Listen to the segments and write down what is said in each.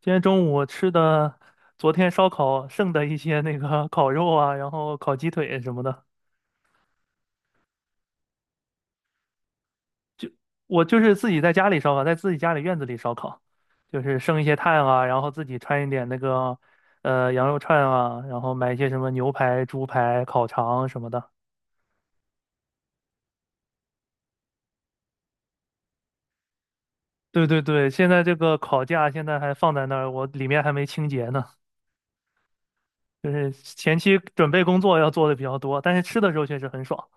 今天中午吃的昨天烧烤剩的一些那个 烤肉啊，然后烤鸡腿什么的，我就是自己在家里烧烤，在自己家里院子里烧烤，就是剩一些炭啊，然后自己穿一点那个羊肉串啊，然后买一些什么牛排、猪排、烤肠什么的。对对对，现在这个烤架现在还放在那儿，我里面还没清洁呢，就是前期准备工作要做的比较多，但是吃的时候确实很爽。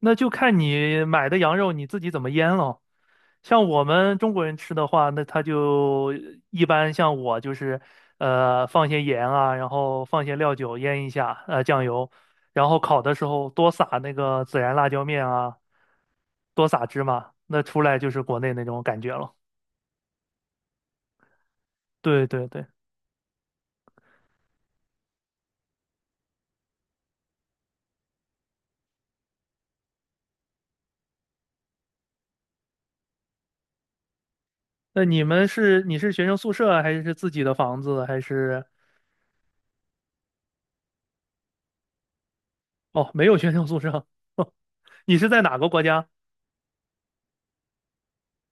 那就看你买的羊肉你自己怎么腌了。像我们中国人吃的话，那他就一般像我就是，放些盐啊，然后放些料酒腌一下，酱油，然后烤的时候多撒那个孜然辣椒面啊，多撒芝麻，那出来就是国内那种感觉了。对对对，那你们是你是学生宿舍啊还是自己的房子还是？哦，没有学生宿舍，你是在哪个国家？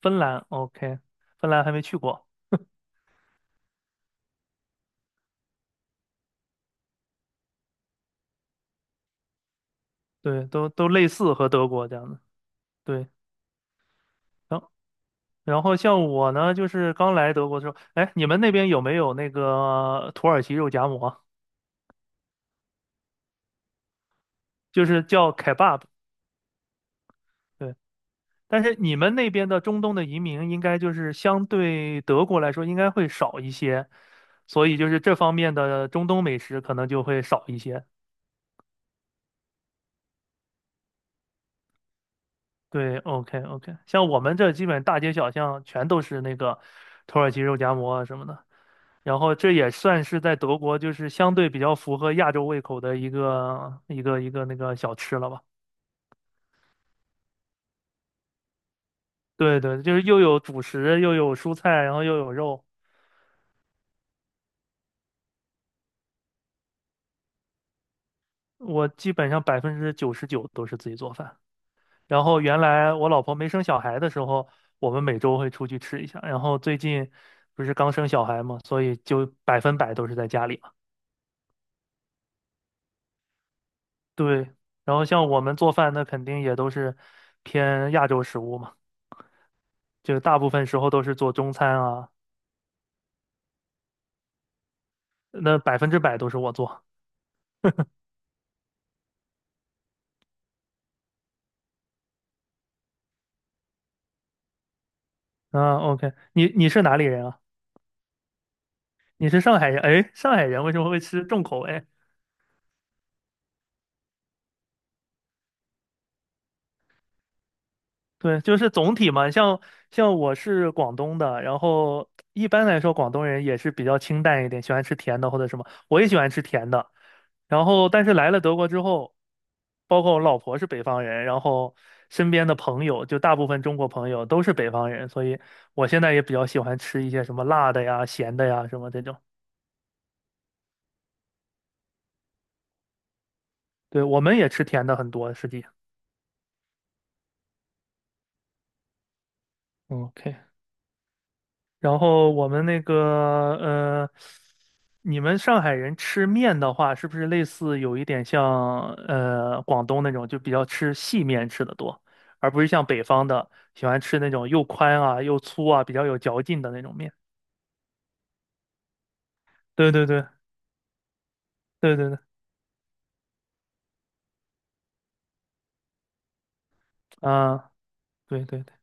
芬兰，OK，芬兰还没去过。对，都类似和德国这样的。对。然后像我呢，就是刚来德国的时候，哎，你们那边有没有那个土耳其肉夹馍？就是叫 kebab。对，但是你们那边的中东的移民应该就是相对德国来说应该会少一些，所以就是这方面的中东美食可能就会少一些。对，OK OK,像我们这基本大街小巷全都是那个土耳其肉夹馍啊什么的，然后这也算是在德国就是相对比较符合亚洲胃口的一个那个小吃了吧。对对，就是又有主食，又有蔬菜，然后又有肉。我基本上99%都是自己做饭。然后原来我老婆没生小孩的时候，我们每周会出去吃一下。然后最近不是刚生小孩嘛，所以就100%都是在家里嘛。对，然后像我们做饭，那肯定也都是偏亚洲食物嘛，就大部分时候都是做中餐啊，那100%都是我做。啊，OK，你是哪里人啊？你是上海人？哎，上海人为什么会吃重口味？对，就是总体嘛，像我是广东的，然后一般来说广东人也是比较清淡一点，喜欢吃甜的或者什么，我也喜欢吃甜的。然后，但是来了德国之后，包括我老婆是北方人，然后身边的朋友就大部分中国朋友都是北方人，所以我现在也比较喜欢吃一些什么辣的呀、咸的呀什么这种。对，我们也吃甜的很多，实际。嗯，OK。然后我们那个呃，你们上海人吃面的话，是不是类似有一点像广东那种，就比较吃细面吃的多，而不是像北方的喜欢吃那种又宽啊又粗啊比较有嚼劲的那种面？对对对对对对，啊，对对对，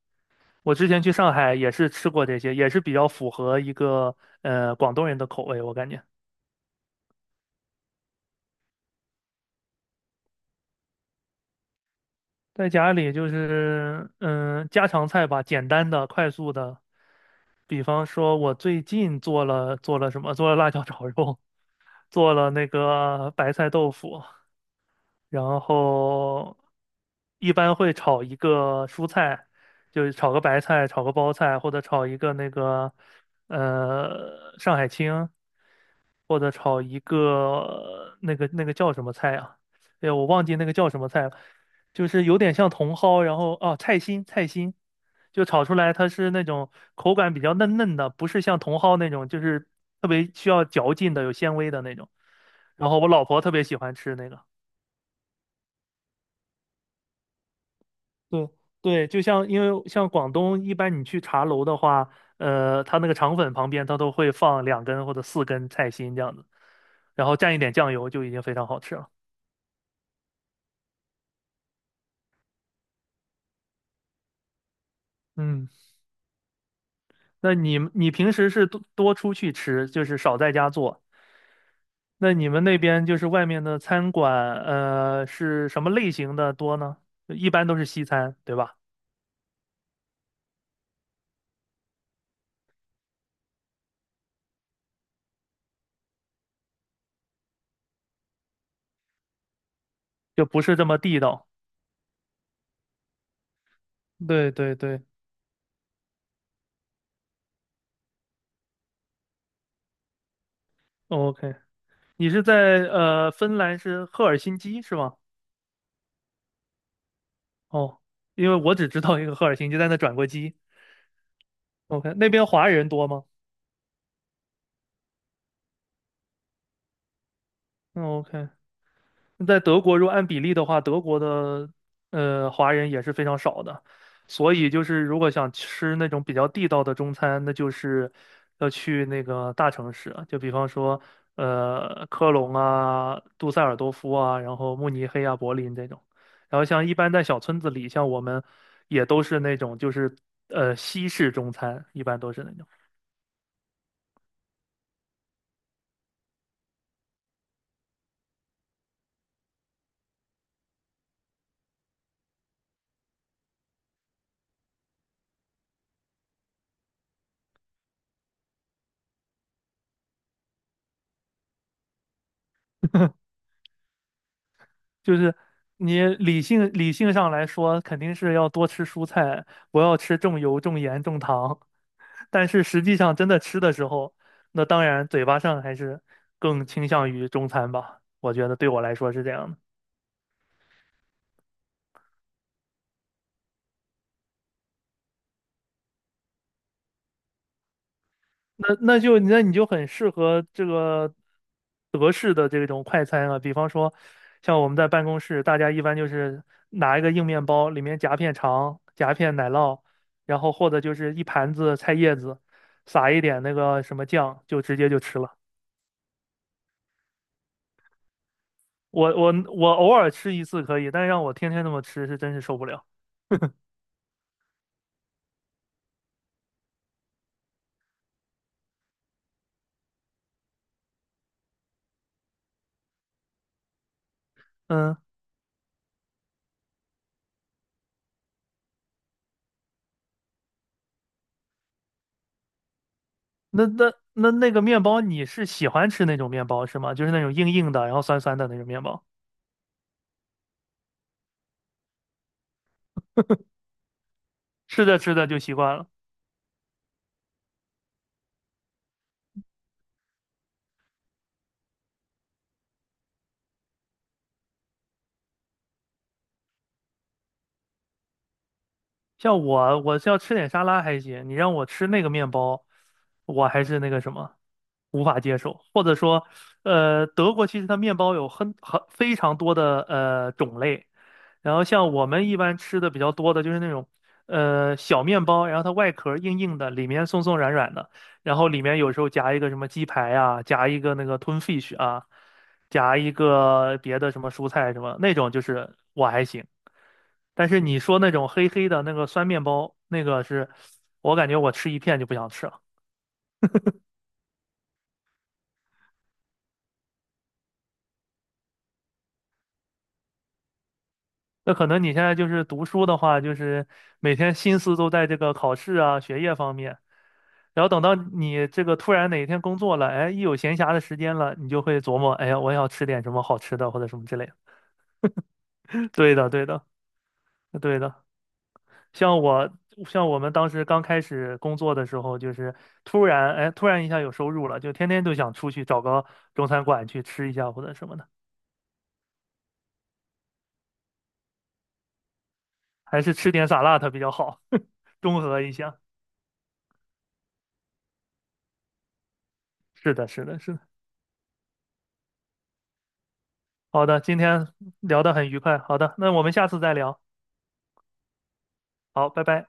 我之前去上海也是吃过这些，也是比较符合一个广东人的口味，我感觉在家里就是嗯、家常菜吧，简单的快速的。比方说，我最近做了什么？做了辣椒 炒肉，做了那个白菜豆腐，然后一般会炒一个蔬菜，就是炒个白菜，炒个包菜，或者炒一个那个上海青，或者炒一个那个叫什么菜啊？哎呀，我忘记那个叫什么菜了，就是有点像茼蒿，然后哦，菜心菜心，就炒出来它是那种口感比较嫩嫩的，不是像茼蒿那种，就是特别需要嚼劲的，有纤维的那种。然后我老婆特别喜欢吃那个。对对，就像因为像广东一般，你去茶楼的话，它那个肠粉旁边它都会放两根或者四根菜心这样子，然后蘸一点酱油就已经非常好吃了。嗯。那你你平时是多多出去吃，就是少在家做。那你们那边就是外面的餐馆，是什么类型的多呢？一般都是西餐，对吧？就不是这么地道。对对对，OK。你是在芬兰是赫尔辛基是吗？哦，因为我只知道一个赫尔辛基，在那转过机。OK，那边华人多吗？OK，嗯在德国，如果按比例的话，德国的华人也是非常少的，所以就是如果想吃那种比较地道的中餐，那就是要去那个大城市啊，就比方说科隆啊、杜塞尔多夫啊，然后慕尼黑啊、柏林这种。然后像一般在小村子里，像我们也都是那种就是西式中餐，一般都是那种。就是你理性上来说，肯定是要多吃蔬菜，不要吃重油、重盐、重糖。但是实际上真的吃的时候，那当然嘴巴上还是更倾向于中餐吧。我觉得对我来说是这样的。那你就很适合这个德式的这种快餐啊，比方说像我们在办公室，大家一般就是拿一个硬面包，里面夹片肠、夹片奶酪，然后或者就是一盘子菜叶子，撒一点那个什么酱，就直接就吃了。我我我偶尔吃一次可以，但让我天天那么吃是真是受不了。嗯，那那个面包你是喜欢吃那种面包是吗？就是那种硬硬的，然后酸酸的那种面包，吃着吃着就习惯了。像我，我是要吃点沙拉还行，你让我吃那个面包，我还是那个什么，无法接受。或者说，德国其实它面包有很非常多的种类，然后像我们一般吃的比较多的就是那种，小面包，然后它外壳硬硬的，里面松松软软的，然后里面有时候夹一个什么鸡排啊，夹一个那个吞 fish 啊，夹一个别的什么蔬菜什么那种，就是我还行。但是你说那种黑黑的那个酸面包，那个是我感觉我吃一片就不想吃了。那可能你现在就是读书的话，就是每天心思都在这个考试啊、学业方面。然后等到你这个突然哪一天工作了，哎，一有闲暇的时间了，你就会琢磨，哎呀，我要吃点什么好吃的或者什么之类的。对的，对的，对的。像我，像我们当时刚开始工作的时候，就是突然，哎，突然一下有收入了，就天天都想出去找个中餐馆去吃一下或者什么的，还是吃点 SAL 比较好，中和一下。是的，是的，是的。好的，今天聊得很愉快。好的，那我们下次再聊。好，拜拜。